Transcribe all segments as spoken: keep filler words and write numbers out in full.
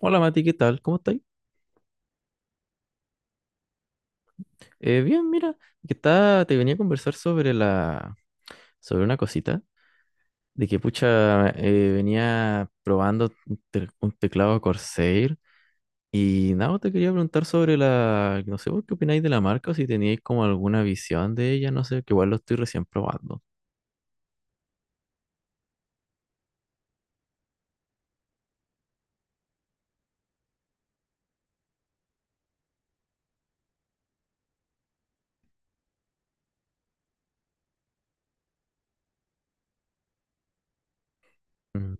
Hola Mati, ¿qué tal? ¿Cómo estáis? Eh, bien, mira, que está, te venía a conversar sobre la, sobre una cosita, de que pucha, eh, venía probando un te- un teclado Corsair y nada, te quería preguntar sobre la, no sé, vos ¿qué opináis de la marca? O si teníais como alguna visión de ella, no sé, que igual lo estoy recién probando. Mm,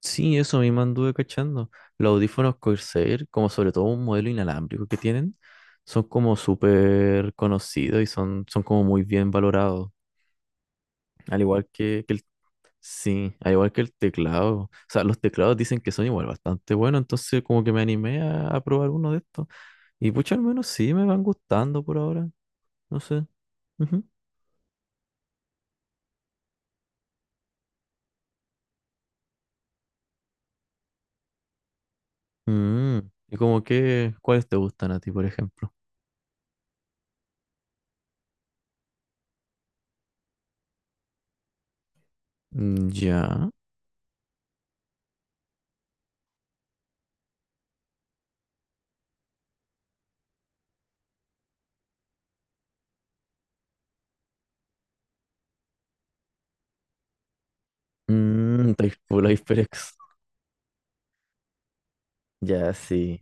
sí, eso mismo anduve cachando. Los audífonos Corsair, como sobre todo un modelo inalámbrico que tienen, son como súper conocidos y son, son como muy bien valorados. Al igual que, que el, sí, al igual que el teclado. O sea, los teclados dicen que son igual bastante buenos, entonces como que me animé a, a probar uno de estos. Y pucha, al menos sí me van gustando por ahora. No sé. Ujú. Mm. Y como que, ¿cuáles te gustan a ti, por ejemplo? Mm. Ya. Mm, type full HyperX. Ya, sí.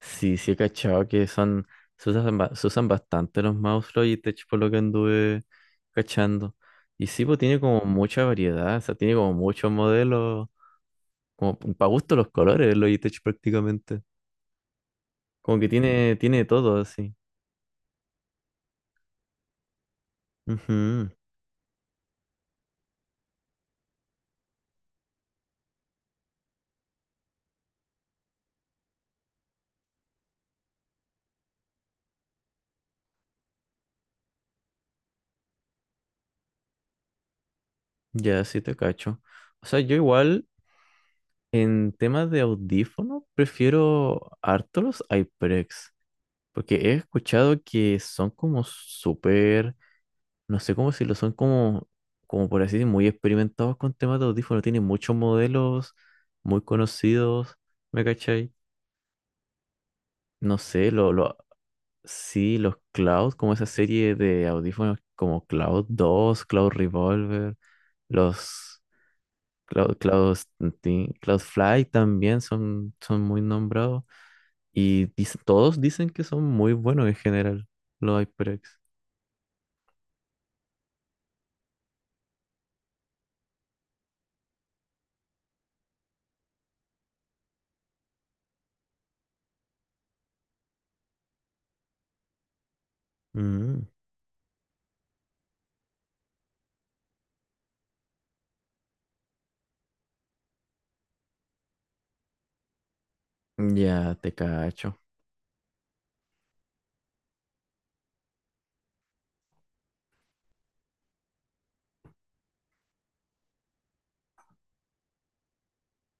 Sí, sí he cachado que son, se usan, ba- se usan bastante los mouse y Logitech por lo que anduve cachando. Y sí, pues tiene como mucha variedad, o sea, tiene como muchos modelos, como para gusto los colores el Logitech prácticamente. Como que tiene, tiene todo así. Ujú. Ya, sí te cacho. O sea, yo igual en temas de audífono prefiero harto los HyperX, porque he escuchado que son como súper no sé cómo decirlo, son como, como por así decir, muy experimentados con temas de audífonos, tienen muchos modelos muy conocidos, ¿me cachai? No sé, lo, lo, sí, los Cloud, como esa serie de audífonos como Cloud dos Cloud Revolver, los Cloud, Cloud, Sting- Cloud Fly también son, son muy nombrados y dic- todos dicen que son muy buenos en general, los HyperX. Mm, ya te cacho.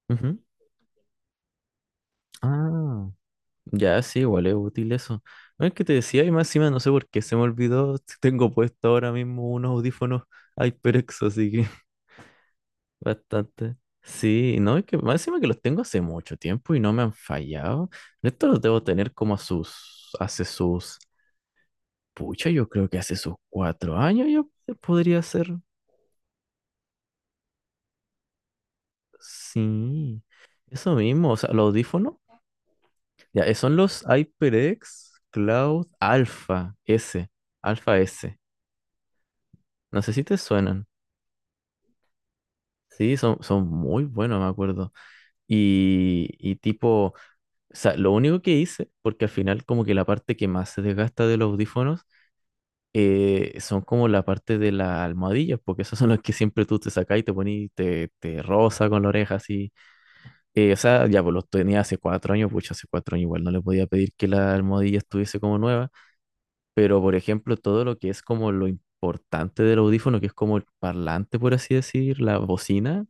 Ujú. Ah. Ya, sí, igual es útil eso. No es que te decía, y más encima no sé por qué se me olvidó. Si tengo puesto ahora mismo unos audífonos HyperX, así que bastante. Sí, no, es que más encima que los tengo hace mucho tiempo y no me han fallado. Estos los debo tener como a sus, hace sus, pucha, yo creo que hace sus cuatro años yo podría ser. Sí, eso mismo, o sea, los audífonos, ya, eh, son los HyperX Cloud Alpha S, Alpha S. No sé si te suenan. Sí, son, son muy buenos, me acuerdo. Y, y tipo, o sea, lo único que hice, porque al final como que la parte que más se desgasta de los audífonos eh, son como la parte de las almohadillas, porque esas son las que siempre tú te sacas y te pones, te, te roza con la oreja así. Eh, o sea, ya pues los tenía hace cuatro años, pucha, hace cuatro años igual no le podía pedir que la almohadilla estuviese como nueva, pero por ejemplo, todo lo que es como lo importante del audífono, que es como el parlante, por así decir, la bocina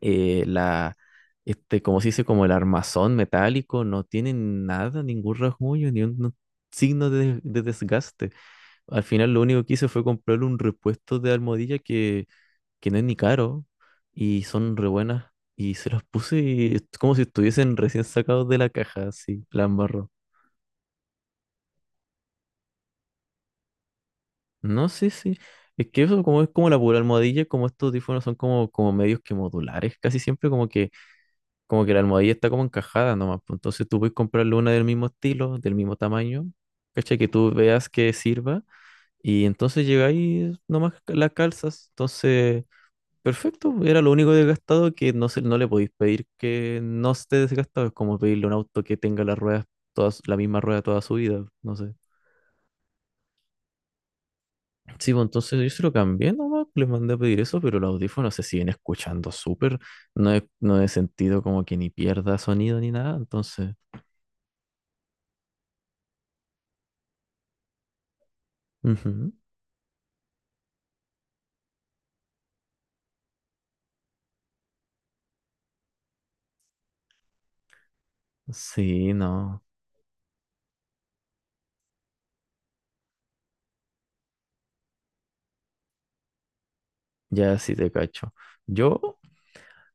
eh, la, este, como se dice, como el armazón metálico, no tiene nada, ningún rasguño, ni un no, signo de, de desgaste. Al final lo único que hice fue comprarle un repuesto de almohadilla que, que no es ni caro y son re buenas. Y se las puse y es como si estuviesen recién sacados de la caja, así, la embarró. No, sí, sí. Es que eso como es como la pura almohadilla, como estos audífonos son como, como medios que modulares, casi siempre como que Como que la almohadilla está como encajada nomás. Pues, entonces tú puedes comprarle una del mismo estilo, del mismo tamaño, ¿cachai? Que tú veas que sirva. Y entonces llegáis nomás las calzas. Entonces, perfecto. Era lo único desgastado que no, se, no le podéis pedir que no esté desgastado. Es como pedirle a un auto que tenga las ruedas, todas, la misma rueda toda su vida. No sé. Sí, pues entonces yo se lo cambié nomás. Les mandé a pedir eso, pero los audífonos se siguen escuchando súper. No he, no he sentido como que ni pierda sonido ni nada. Entonces. Ujú. Sí, no, ya sí te cacho. Yo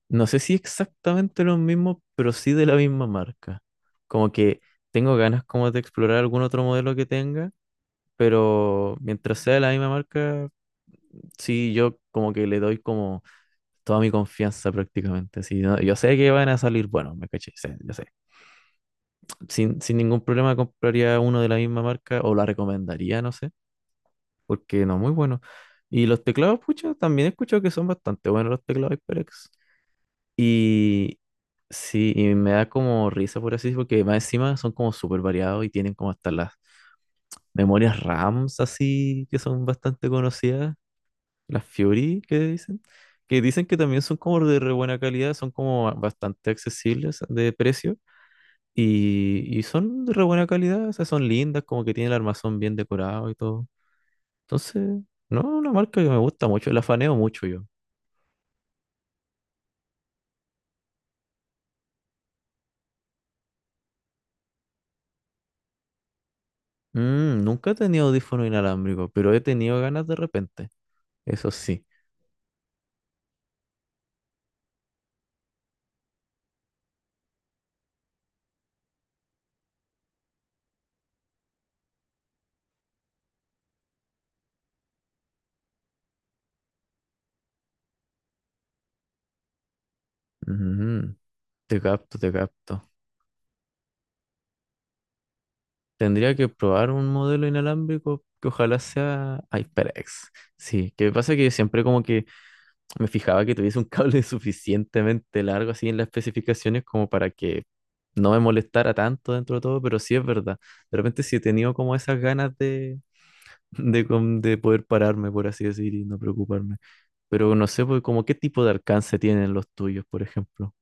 no sé si exactamente lo mismo, pero sí de la misma marca. Como que tengo ganas como de explorar algún otro modelo que tenga, pero mientras sea de la misma marca, sí, yo como que le doy como toda mi confianza prácticamente. Sí, no, yo sé que van a salir, bueno, me caché, sé, yo sé. Sin, sin ningún problema compraría uno de la misma marca o la recomendaría, no sé, porque no, muy bueno. Y los teclados, pucha, también he escuchado que son bastante buenos los teclados HyperX. Y sí, y me da como risa por así, porque más encima son como súper variados y tienen como hasta las memorias RAMs así, que son bastante conocidas, las Fury que dicen, que dicen que también son como de re buena calidad, son como bastante accesibles de precio y, y son de re buena calidad, o sea, son lindas, como que tienen el armazón bien decorado y todo. Entonces, no, una marca que me gusta mucho, la faneo mucho yo. Mm, nunca he tenido audífono inalámbrico, pero he tenido ganas de repente. Eso sí. Ujú, te capto, te capto. Tendría que probar un modelo inalámbrico que ojalá sea HyperX. Sí, que pasa que siempre como que me fijaba que tuviese un cable suficientemente largo así en las especificaciones como para que no me molestara tanto dentro de todo, pero sí es verdad. De repente sí he tenido como esas ganas de, de, com- de poder pararme, por así decir, y no preocuparme. Pero no sé, pues, como qué tipo de alcance tienen los tuyos, por ejemplo.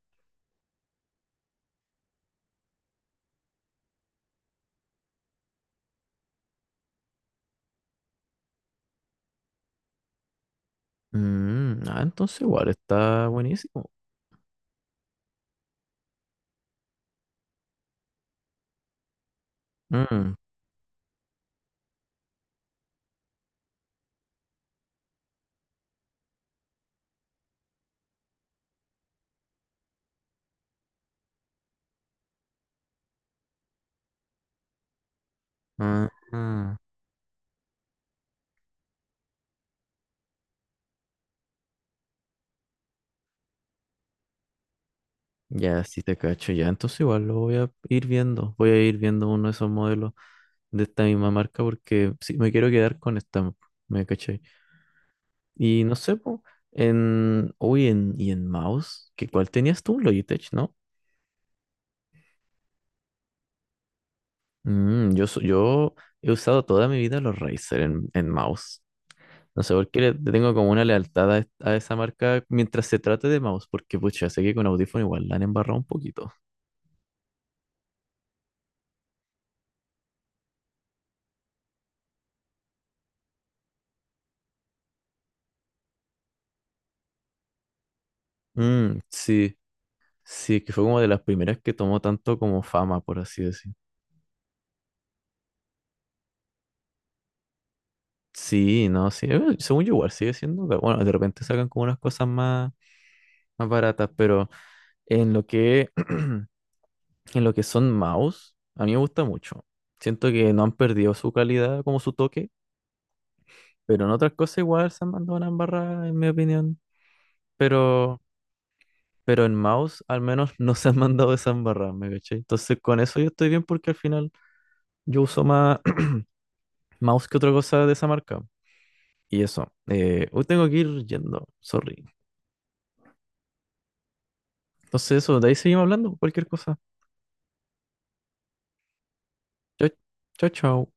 Mm, ah, entonces igual está buenísimo. Mm, ah, ah, ya, sí te cacho, ya. Entonces igual lo voy a ir viendo. Voy a ir viendo uno de esos modelos de esta misma marca porque sí, me quiero quedar con esta, me caché. Y no sé, po, en... Uy, en... ¿Y en mouse? ¿Qué, cuál tenías tú? Logitech, ¿no? Mm, yo, so- yo he usado toda mi vida los Razer en, en mouse. No sé por qué le le tengo como una lealtad a, es- a esa marca mientras se trate de mouse, porque pucha, sé que con audífono igual la han embarrado un poquito. Mm, sí, sí, que fue como de las primeras que tomó tanto como fama, por así decir. Sí, no, sí, eh, según yo igual sigue siendo, pero bueno, de repente sacan como unas cosas más, más baratas, pero en lo que, en lo que son mouse, a mí me gusta mucho. Siento que no han perdido su calidad como su toque. Pero en otras cosas igual se han mandado una embarrada, en mi opinión. Pero, pero en mouse al menos no se han mandado esa embarrada, ¿me caché? Entonces con eso yo estoy bien porque al final yo uso más mouse que otra cosa de esa marca. Y eso, eh, hoy tengo que ir yendo, sorry. Entonces eso, de ahí seguimos hablando, cualquier cosa. Chao, chao, chao.